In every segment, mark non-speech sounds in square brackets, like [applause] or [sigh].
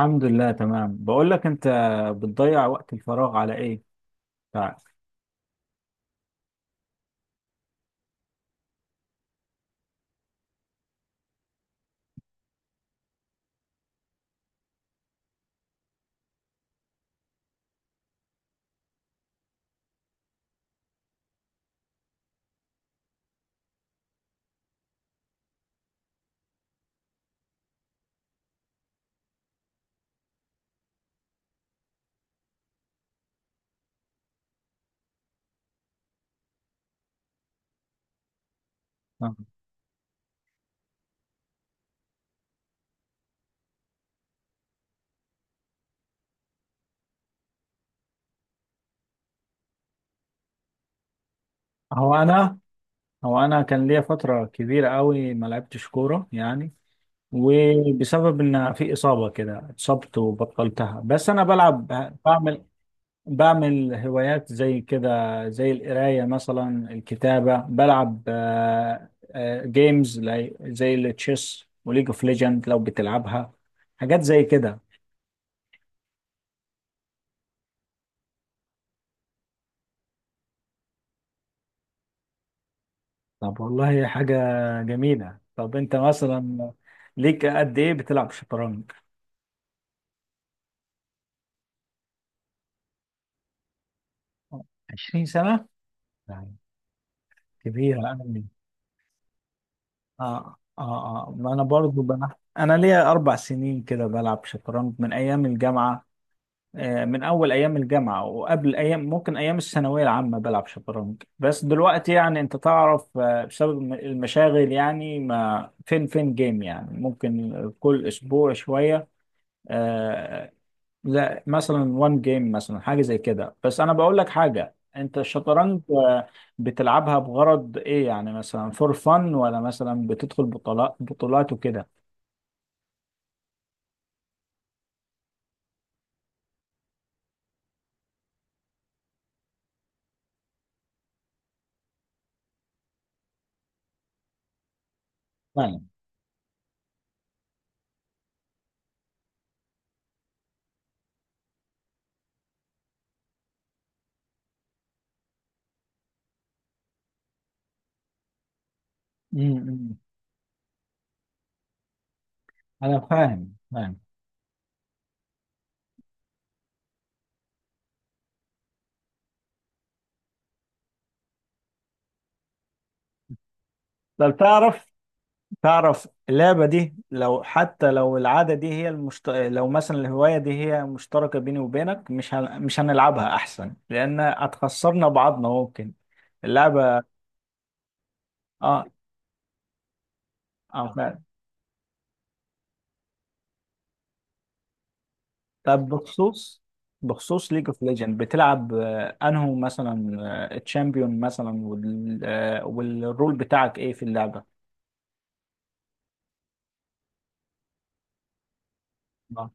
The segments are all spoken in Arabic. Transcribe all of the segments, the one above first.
الحمد لله تمام، بقول لك انت بتضيع وقت الفراغ على ايه بتاعك؟ آه. هو انا هو انا كان ليا فترة كبيرة قوي ما لعبتش كورة يعني، وبسبب ان في إصابة كده اتصبت وبطلتها. بس انا بلعب بعمل بعمل هوايات زي كده، زي القراية مثلا، الكتابة، بلعب زي التشيس وليج اوف ليجند لو بتلعبها، حاجات زي كده. طب والله هي حاجة جميلة. طب انت مثلا ليك قد ايه بتلعب شطرنج؟ 20 سنة؟ يعني كبيرة. انا ليه؟ اه اه اه، ما انا برضو بلعب، انا ليا اربع سنين كده بلعب شطرنج من ايام الجامعة، من اول ايام الجامعة، وقبل ايام ممكن ايام الثانوية العامة بلعب شطرنج. بس دلوقتي يعني انت تعرف، بسبب المشاغل يعني، ما فين فين جيم، يعني ممكن كل اسبوع شوية. آه، لا مثلا وان جيم مثلا حاجه زي كده. بس انا بقول لك حاجه، انت الشطرنج بتلعبها بغرض ايه؟ يعني مثلا فور فن، ولا مثلا بتدخل بطولات بطولات وكده؟ فاهم. امم انا فاهم فاهم. طب تعرف، اللعبه دي، لو حتى لو العاده دي هي لو مثلا الهوايه دي هي مشتركه بيني وبينك، مش مش هنلعبها احسن، لان هتخسرنا بعضنا ممكن اللعبه. اه اه. طب بخصوص، ليج اوف ليجند، بتلعب انه مثلا الشامبيون مثلا والرول بتاعك ايه في اللعبة؟ آه.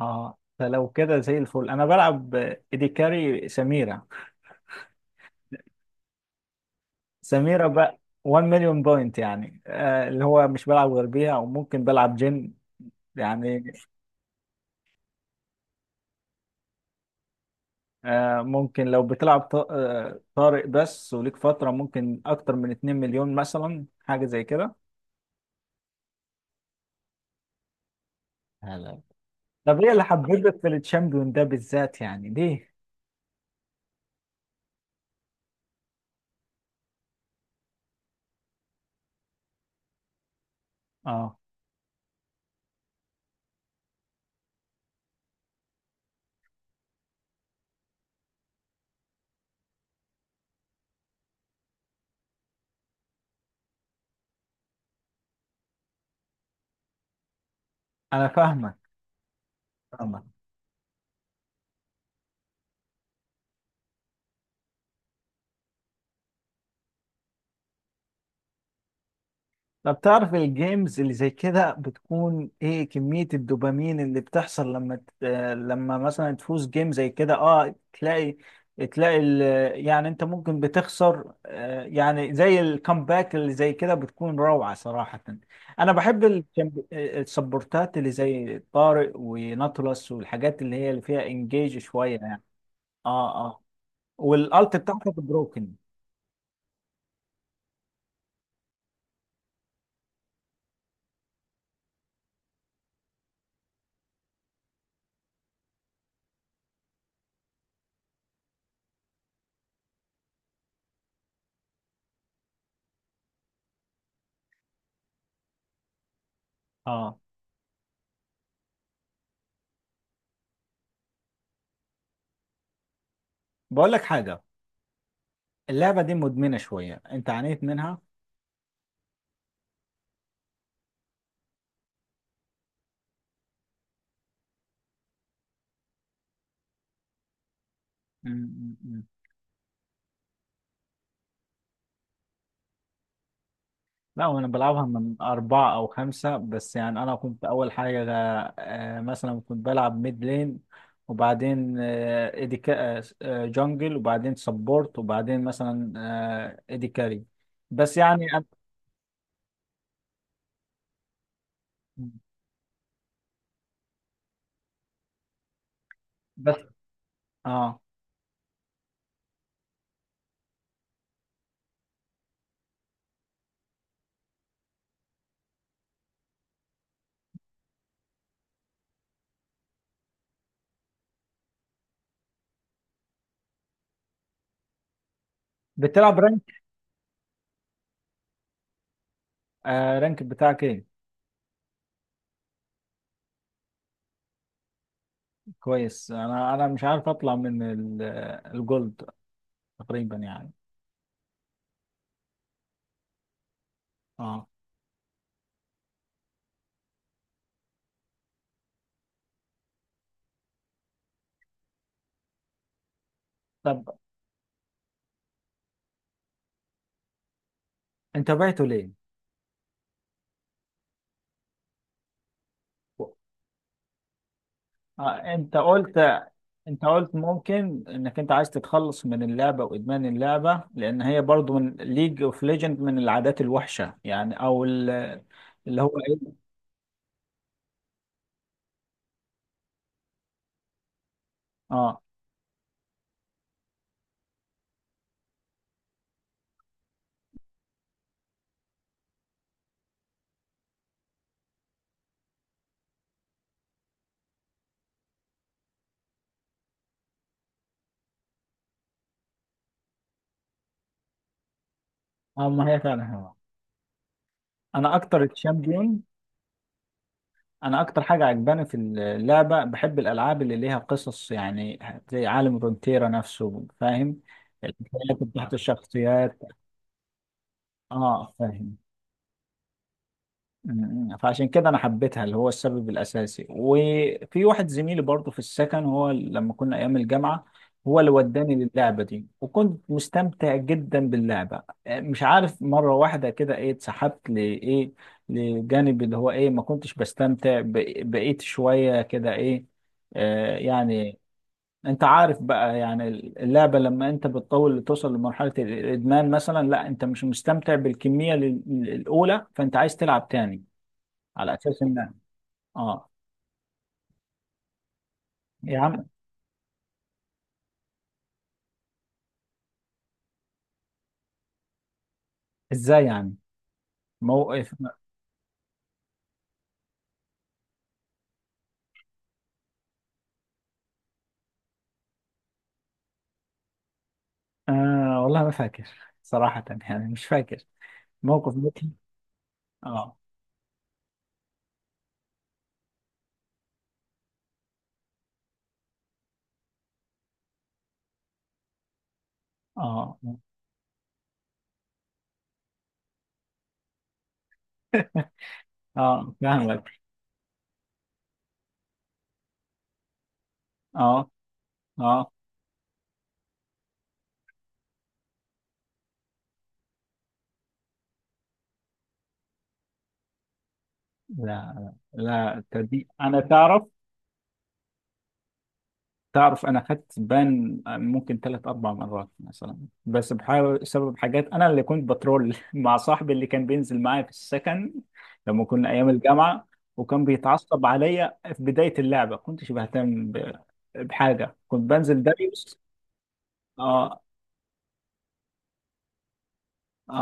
اه، فلو كده زي الفل انا بلعب ايدي كاري سميرة. سميرة بقى 1 مليون بوينت يعني، اللي هو مش بلعب غير بيها، وممكن بلعب جن يعني. ممكن لو بتلعب طارق بس وليك فترة ممكن اكتر من 2 مليون مثلا، حاجة زي كده. طب ايه اللي حببك في التشامبيون ده بالذات، يعني ليه؟ اه، انا فاهمك. طب تعرف الجيمز اللي زي كده بتكون ايه كمية الدوبامين اللي بتحصل لما ت... آه، لما مثلا تفوز جيم زي كده؟ اه، تلاقي يعني انت ممكن بتخسر، يعني زي الكامباك اللي زي كده بتكون روعة صراحة. انا بحب السبورتات اللي زي طارق وناتولس، والحاجات اللي هي اللي فيها انجيج شوية يعني. اه. آه. والالت بتاعتك بروكن. اه، بقول لك حاجه، اللعبه دي مدمنه شويه، انت عانيت منها؟ م- م- م. لا، وانا بلعبها من اربعه او خمسه بس. يعني انا كنت اول حاجه مثلا كنت بلعب ميد لين، وبعدين آه ايدي كا- آه جونجل، وبعدين سبورت، وبعدين مثلا ايدي كاري. بس يعني أنا، بس اه بتلعب رانك؟ رانك بتاعك ايه؟ كويس. انا مش عارف اطلع من الجولد تقريبا يعني. اه. طب انت بعته ليه؟ آه انت قلت انت قلت ممكن انك انت عايز تتخلص من اللعبة، وادمان اللعبة، لان هي برضو من ليج اوف ليجند، من العادات الوحشة يعني، او اللي هو ايه. اه اه، ما هي فعلا. هو انا اكتر تشامبيون انا اكتر حاجة عجباني في اللعبة، بحب الالعاب اللي ليها قصص يعني، زي عالم رونتيرا نفسه، فاهم؟ الحكايات بتاعت الشخصيات. اه فاهم. فعشان كده انا حبيتها، اللي هو السبب الاساسي. وفي واحد زميلي برضه في السكن، هو لما كنا ايام الجامعه، هو اللي وداني للعبه دي، وكنت مستمتع جدا باللعبه. مش عارف مره واحده كده ايه اتسحبت لايه، لجانب اللي هو ايه ما كنتش بستمتع بقيت شويه كده ايه يعني. انت عارف بقى يعني، اللعبه لما انت بتطول توصل لمرحله الادمان مثلا، لا انت مش مستمتع بالكميه الاولى، فانت عايز تلعب تاني على اساس ان. اه. يا عم، ازاي يعني؟ موقف؟ والله ما فاكر صراحة، يعني مش فاكر موقف مضحك. اه اه. [laughs] اه فاهمك. اه اه، لا، لا، لا، تصدق؟ انا تعرف، انا خدت بان ممكن ثلاث اربع مرات مثلا، بس بحاول بسبب حاجات. انا اللي كنت بترول [laughs] مع صاحبي اللي كان بينزل معايا في السكن لما كنا ايام الجامعه، وكان بيتعصب عليا. في بدايه اللعبه كنتش بهتم بحاجه، كنت بنزل داريوس. اه اه.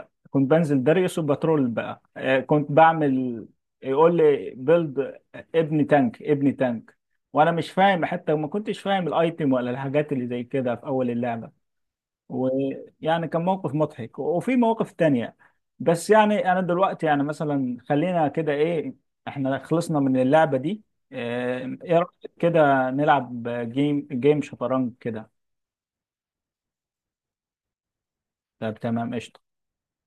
آه. كنت بنزل داريوس وبترول بقى، كنت بعمل، يقول لي بيلد، ابني تانك ابني تانك، وانا مش فاهم، حتى ما كنتش فاهم الايتم ولا الحاجات اللي زي كده في اول اللعبه. ويعني كان موقف مضحك، وفي مواقف تانية. بس يعني انا دلوقتي يعني مثلا خلينا كده ايه، احنا خلصنا من اللعبة دي. ايه رأيك كده نلعب جيم شطرنج كده؟ طب تمام قشطة.